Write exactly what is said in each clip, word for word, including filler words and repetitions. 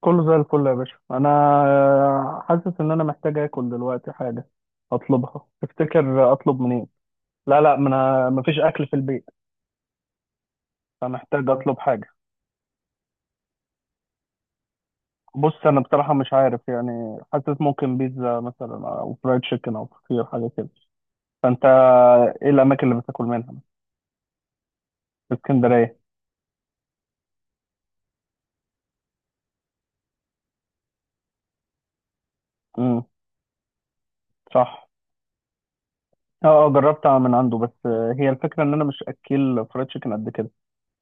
كله زي الفل يا باشا، انا حاسس ان انا محتاج اكل دلوقتي، حاجه اطلبها. تفتكر اطلب منين؟ لا لا، ما انا مفيش اكل في البيت، فمحتاج اطلب حاجه. بص، انا بصراحه مش عارف، يعني حاسس ممكن بيتزا مثلا، او فرايد تشيكن، او فطير، حاجه كده. فانت ايه الاماكن اللي بتاكل منها في اسكندريه؟ امم صح. اه اه، جربت من عنده، بس هي الفكره ان انا مش اكل فرايد تشيكن قد كده،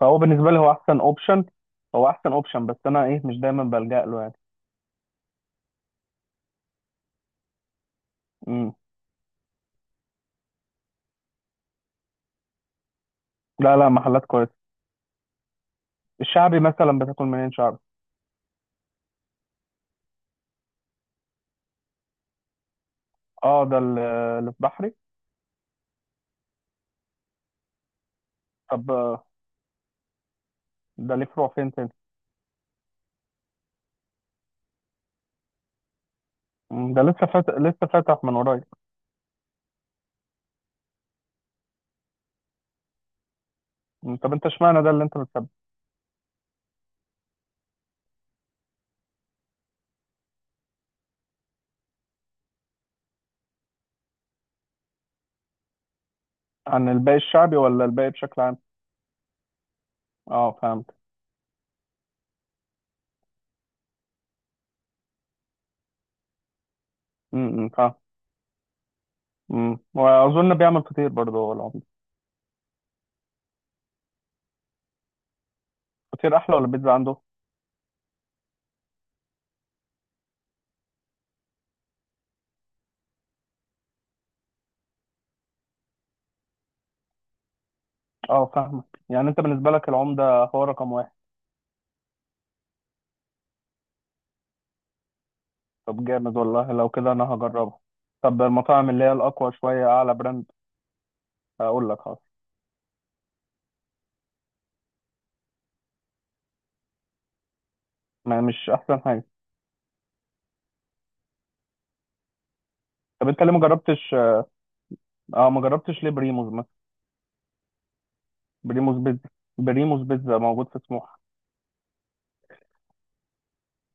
فهو بالنسبه لي هو احسن اوبشن. هو احسن اوبشن، بس انا ايه مش دايما بلجأ له يعني. لا لا، محلات كويسة. الشعبي مثلا بتاكل منين شعبي؟ اه، ده ال- اللي في بحري. طب آه، ده ليه فروع فين تاني؟ مم، ده لسه فاتح، لسه فاتح من قريب. مم، طب انت اشمعنى ده اللي انت بتحبه؟ عن الباقي الشعبي ولا الباقي بشكل عام؟ اه فهمت. امم فاهم. امم، واظن بيعمل فطير برضه هو العمده. فطير احلى ولا بيتزا عنده؟ اه فاهمك، يعني انت بالنسبه لك العمده هو رقم واحد. طب جامد والله، لو كده انا هجربها. طب المطاعم اللي هي الاقوى شويه، اعلى براند، هقول لك خلاص. ما مش احسن حاجه. طب انت ليه ما جربتش؟ اه، ما جربتش ليه بريموز مثلا؟ بريموز بيتزا، بريموز بيتزا موجود في سموحه.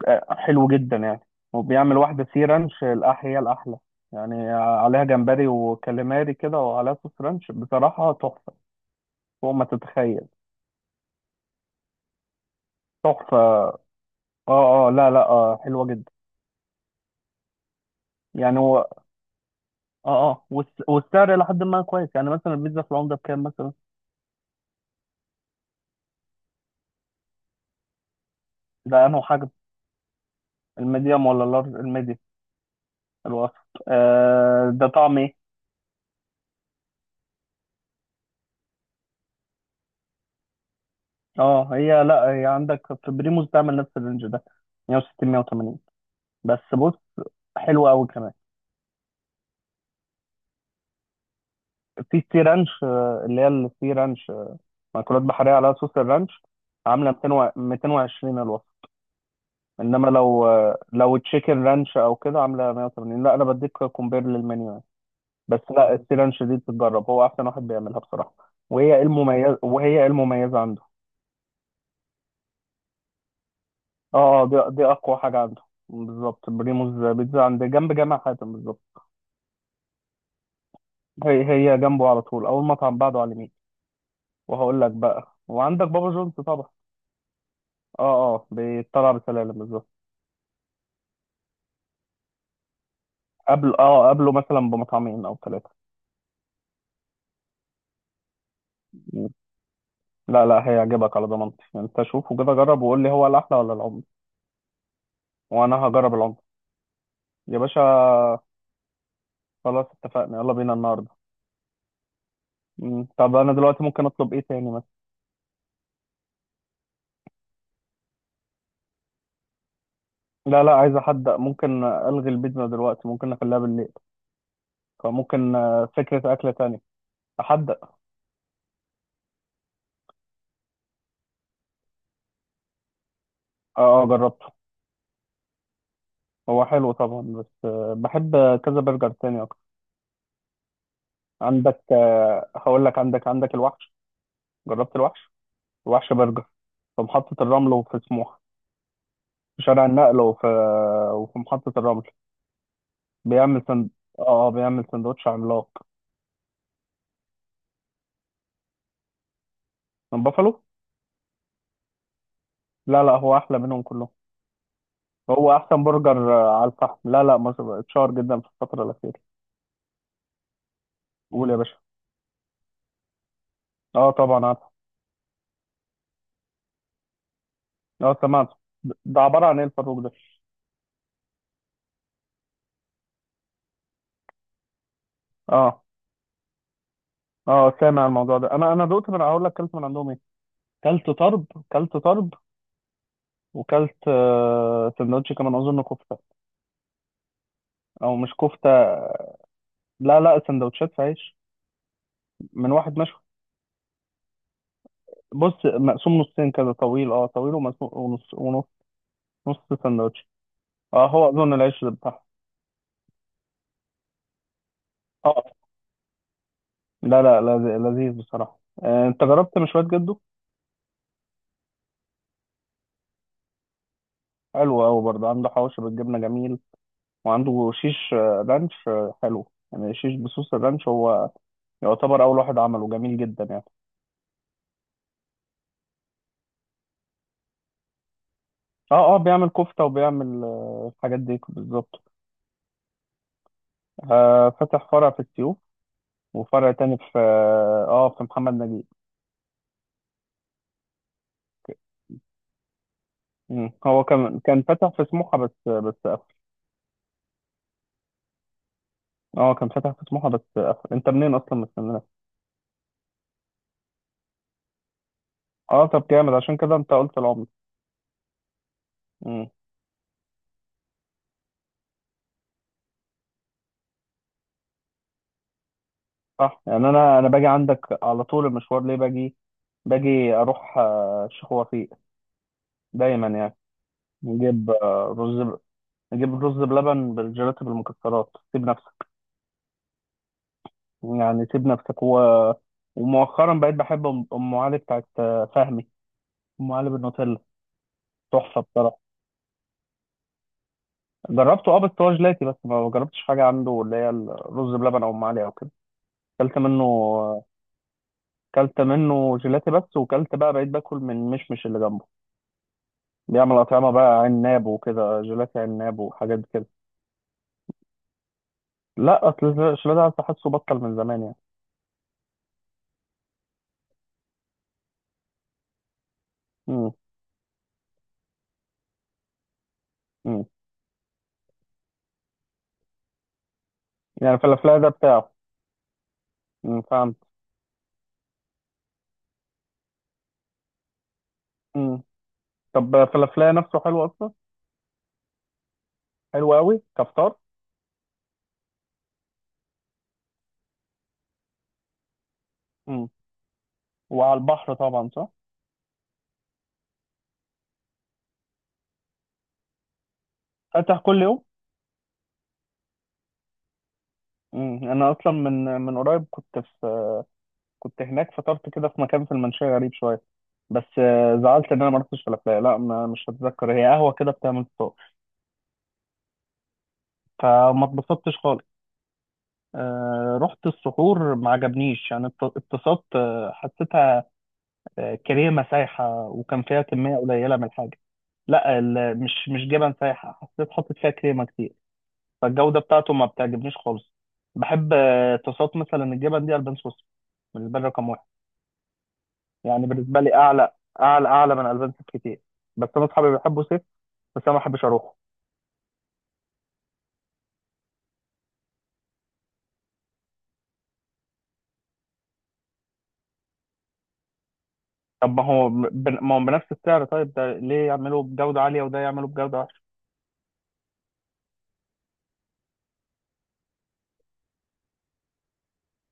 آه، حلو جدا يعني. وبيعمل واحده سي رانش، الأح هي الاحلى يعني، عليها جمبري وكاليماري كده، وعليها صوص رانش، بصراحه تحفه فوق ما تتخيل. تحفه، اه اه، لا لا، آه حلوه جدا يعني. هو اه اه، والس- والسعر الى حد ما كويس يعني. مثلا البيتزا في العمده بكام مثلا؟ ده انه حجم؟ الميديوم ولا اللارج؟ الميديوم، الوسط. آه، ده طعم ايه؟ اه، هي لا هي عندك في بريموس تعمل نفس الرينج ده، مئة وستين مية وتمانين. بس بص، حلوه قوي كمان. في سي رانش، آه، اللي هي السي رانش، آه، مأكولات بحريه عليها صوص الرانش، عامله ميتين و- ميتين وعشرين الوصف. انما لو آه، لو تشيكن رانش او كده، عامله مية وتمانين. لا انا بديك كومبير للمنيو يعني. بس لا، السي رانش دي تتجرب، هو احسن واحد بيعملها بصراحه. وهي ايه المميز وهي ايه المميز عنده؟ اه اه، دي, دي اقوى حاجه عنده بالظبط. بريموس بيتزا عند، جنب جامع حاتم بالظبط. هي هي جنبه على طول، اول مطعم بعده على اليمين. وهقول لك بقى، وعندك بابا جونز طبعا. اه اه، بيطلع بسلالم بالظبط. قبل اه قبله مثلا بمطعمين او ثلاثه. لا لا، هيعجبك على ضمانتي، انت شوفه كده، جرب وقول لي هو الاحلى ولا العمر. وانا هجرب العمر يا باشا. خلاص اتفقنا، يلا بينا النهارده. مم. طب انا دلوقتي ممكن اطلب ايه تاني مثلا؟ لا لا، عايز احدق، ممكن الغي البيتزا دلوقتي، ممكن نخليها بالليل. فممكن آه، فكره اكله تانية، احدق. اه اه، جربت. هو حلو طبعا، بس آه، بحب كذا برجر تاني اكتر. عندك آه، هقول لك، عندك عندك الوحش. جربت الوحش؟ الوحش برجر، في محطة الرمل وفي سموحة، في شارع النقل، وفي آه، وفي محطة الرمل. بيعمل سند... اه بيعمل سندوتش عملاق. من بافالو؟ لا لا، هو احلى منهم كلهم، هو احسن برجر آه، على الفحم. لا لا مش- اتشهر جدا في الفترة الأخيرة. قول يا باشا. اه طبعا عارف. اه سمعت. ده عبارة عن ايه الفاروق ده؟ اه اه سامع الموضوع ده. انا انا دقت من، هقول لك، كلت من عندهم، كلت طرب، كلت طرب. وكلت آه، سندوتش كمان اظن كفته، او مش كفته. لا لا، سندوتشات في عيش من واحد مشوي. بص، مقسوم نصين كده طويل، اه طويل ومقسوم، ونص ونص، نص سندوتش. اه هو اظن العيش اللي بتاعه. اه لا لا، لذ- لذيذ بصراحه. آه، انت جربت مشويات جده؟ حلو قوي برضه، عنده حواوشي بالجبنه جميل، وعنده شيش آه، رانش، آه، حلو يعني، شيش بصوص الرانش، هو يعتبر اول واحد عمله، جميل جدا يعني. اه اه، بيعمل كفتة، وبيعمل آه، الحاجات دي بالظبط. آه فتح فرع في السيوف، وفرع تاني في اه آه، في محمد نجيب. مم. هو كان كان فتح في سموحة، بس بس قفل. اه كان فتح في سموحة بس قفل. انت منين اصلا، من اسكندرية؟ اه طب جامد، عشان كده انت قلت العمر. مم. صح يعني. انا انا باجي عندك على طول، المشوار ليه باجي، باجي اروح آه، الشيخ وفيق دايما يعني. نجيب آه، رز ب- نجيب رز بلبن بالجيلاتي بالمكسرات، سيب نفسك، يعني سيبنا في سكوة. ومؤخرا بقيت بحب ام أم علي بتاعت آه، فهمي. ام علي بالنوتيلا تحفه بصراحه. جربته اه، بس هو جيلاتي بس، ما جربتش حاجه عنده اللي هي الرز بلبن او ام علي او كده. كلت منه، كلت منه جيلاتي بس، وكلت بقى، بقيت باكل من مشمش اللي جنبه، بيعمل اطعمه بقى، عناب وكده، جيلاتي عناب وحاجات كده. لا اصل الجيلاتي أصل، حاسه بطل من زمان يعني. امم. امم. يعني فلافلا ده بتاعه. امم فهمت. امم. طب فلافلا نفسه حلو اصلا. حلو قوي كفطار. مم. وعلى البحر طبعا صح. فاتح كل يوم. مم. انا اصلا من من قريب كنت في، كنت هناك، فطرت كده في مكان في المنشية غريب شوية، بس آه، زعلت ان انا ما رحتش فلافل. لا ما، مش هتذكر، هي قهوة كده بتعمل فطار، فما اتبسطتش خالص. آه، رحت السحور، ما عجبنيش يعني، ات- اتبسطت، آه، حسيتها آه، كريمة سايحة، وكان فيها كمية قليلة من الحاجة. لا ال- مش مش جبن سايحة، حسيت حاطط فيها كريمة كتير، فالجودة بتاعته ما بتعجبنيش خالص. بحب آه، طاسات مثلا الجبن دي، ألبان سويسرا بالنسبة لي رقم واحد. يعني بالنسبة لي أعلى، أعلى أعلى من ألبان سويسرا كتير. بس أنا أصحابي بيحبوا سيف، بس أنا ما بحبش أروحه. طب ما هو بن- ما هو بنفس السعر. طيب ده ليه يعملوا بجودة عالية، وده يعملوا بجودة وحشة؟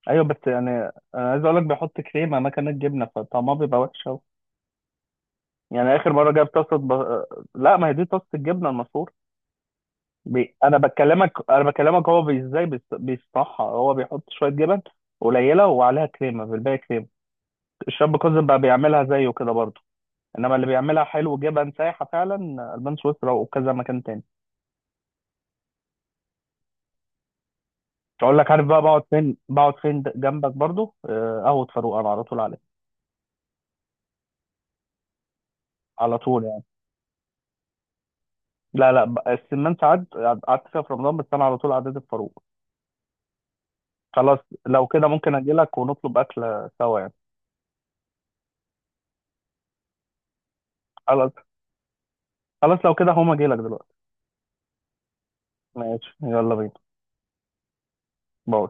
أيوه بس يعني، أنا عايز أقول لك بيحط كريمة مكان الجبنة، فطعمها بيبقى وحش أوي. يعني آخر مرة جايب طاسة ب... لا ما هي دي طاسة الجبنة المفروض. بي... انا بكلمك انا بكلمك، هو بي- ازاي بيص- بيصنعها. هو بيحط شويه جبن قليله، وعليها كريمه، في الباقي كريمه. الشاب كوزن بقى بيعملها زيه كده برضه. انما اللي بيعملها حلو جبن سايحه فعلا، البان سويسرا وكذا مكان تاني. اقول لك عارف بقى بقعد فين، بقعد فين د- جنبك برضه آه، قهوه فاروق، انا على طول عليها. على طول يعني. لا لا، ب- السمان ساعات قعدت فيها في رمضان، بس انا على طول عدت فاروق. خلاص، لو كده ممكن اجي لك ونطلب اكله سوا يعني. خلاص. خلاص لو كده هقوم اجي لك دلوقتي. ماشي يلا بينا. باي.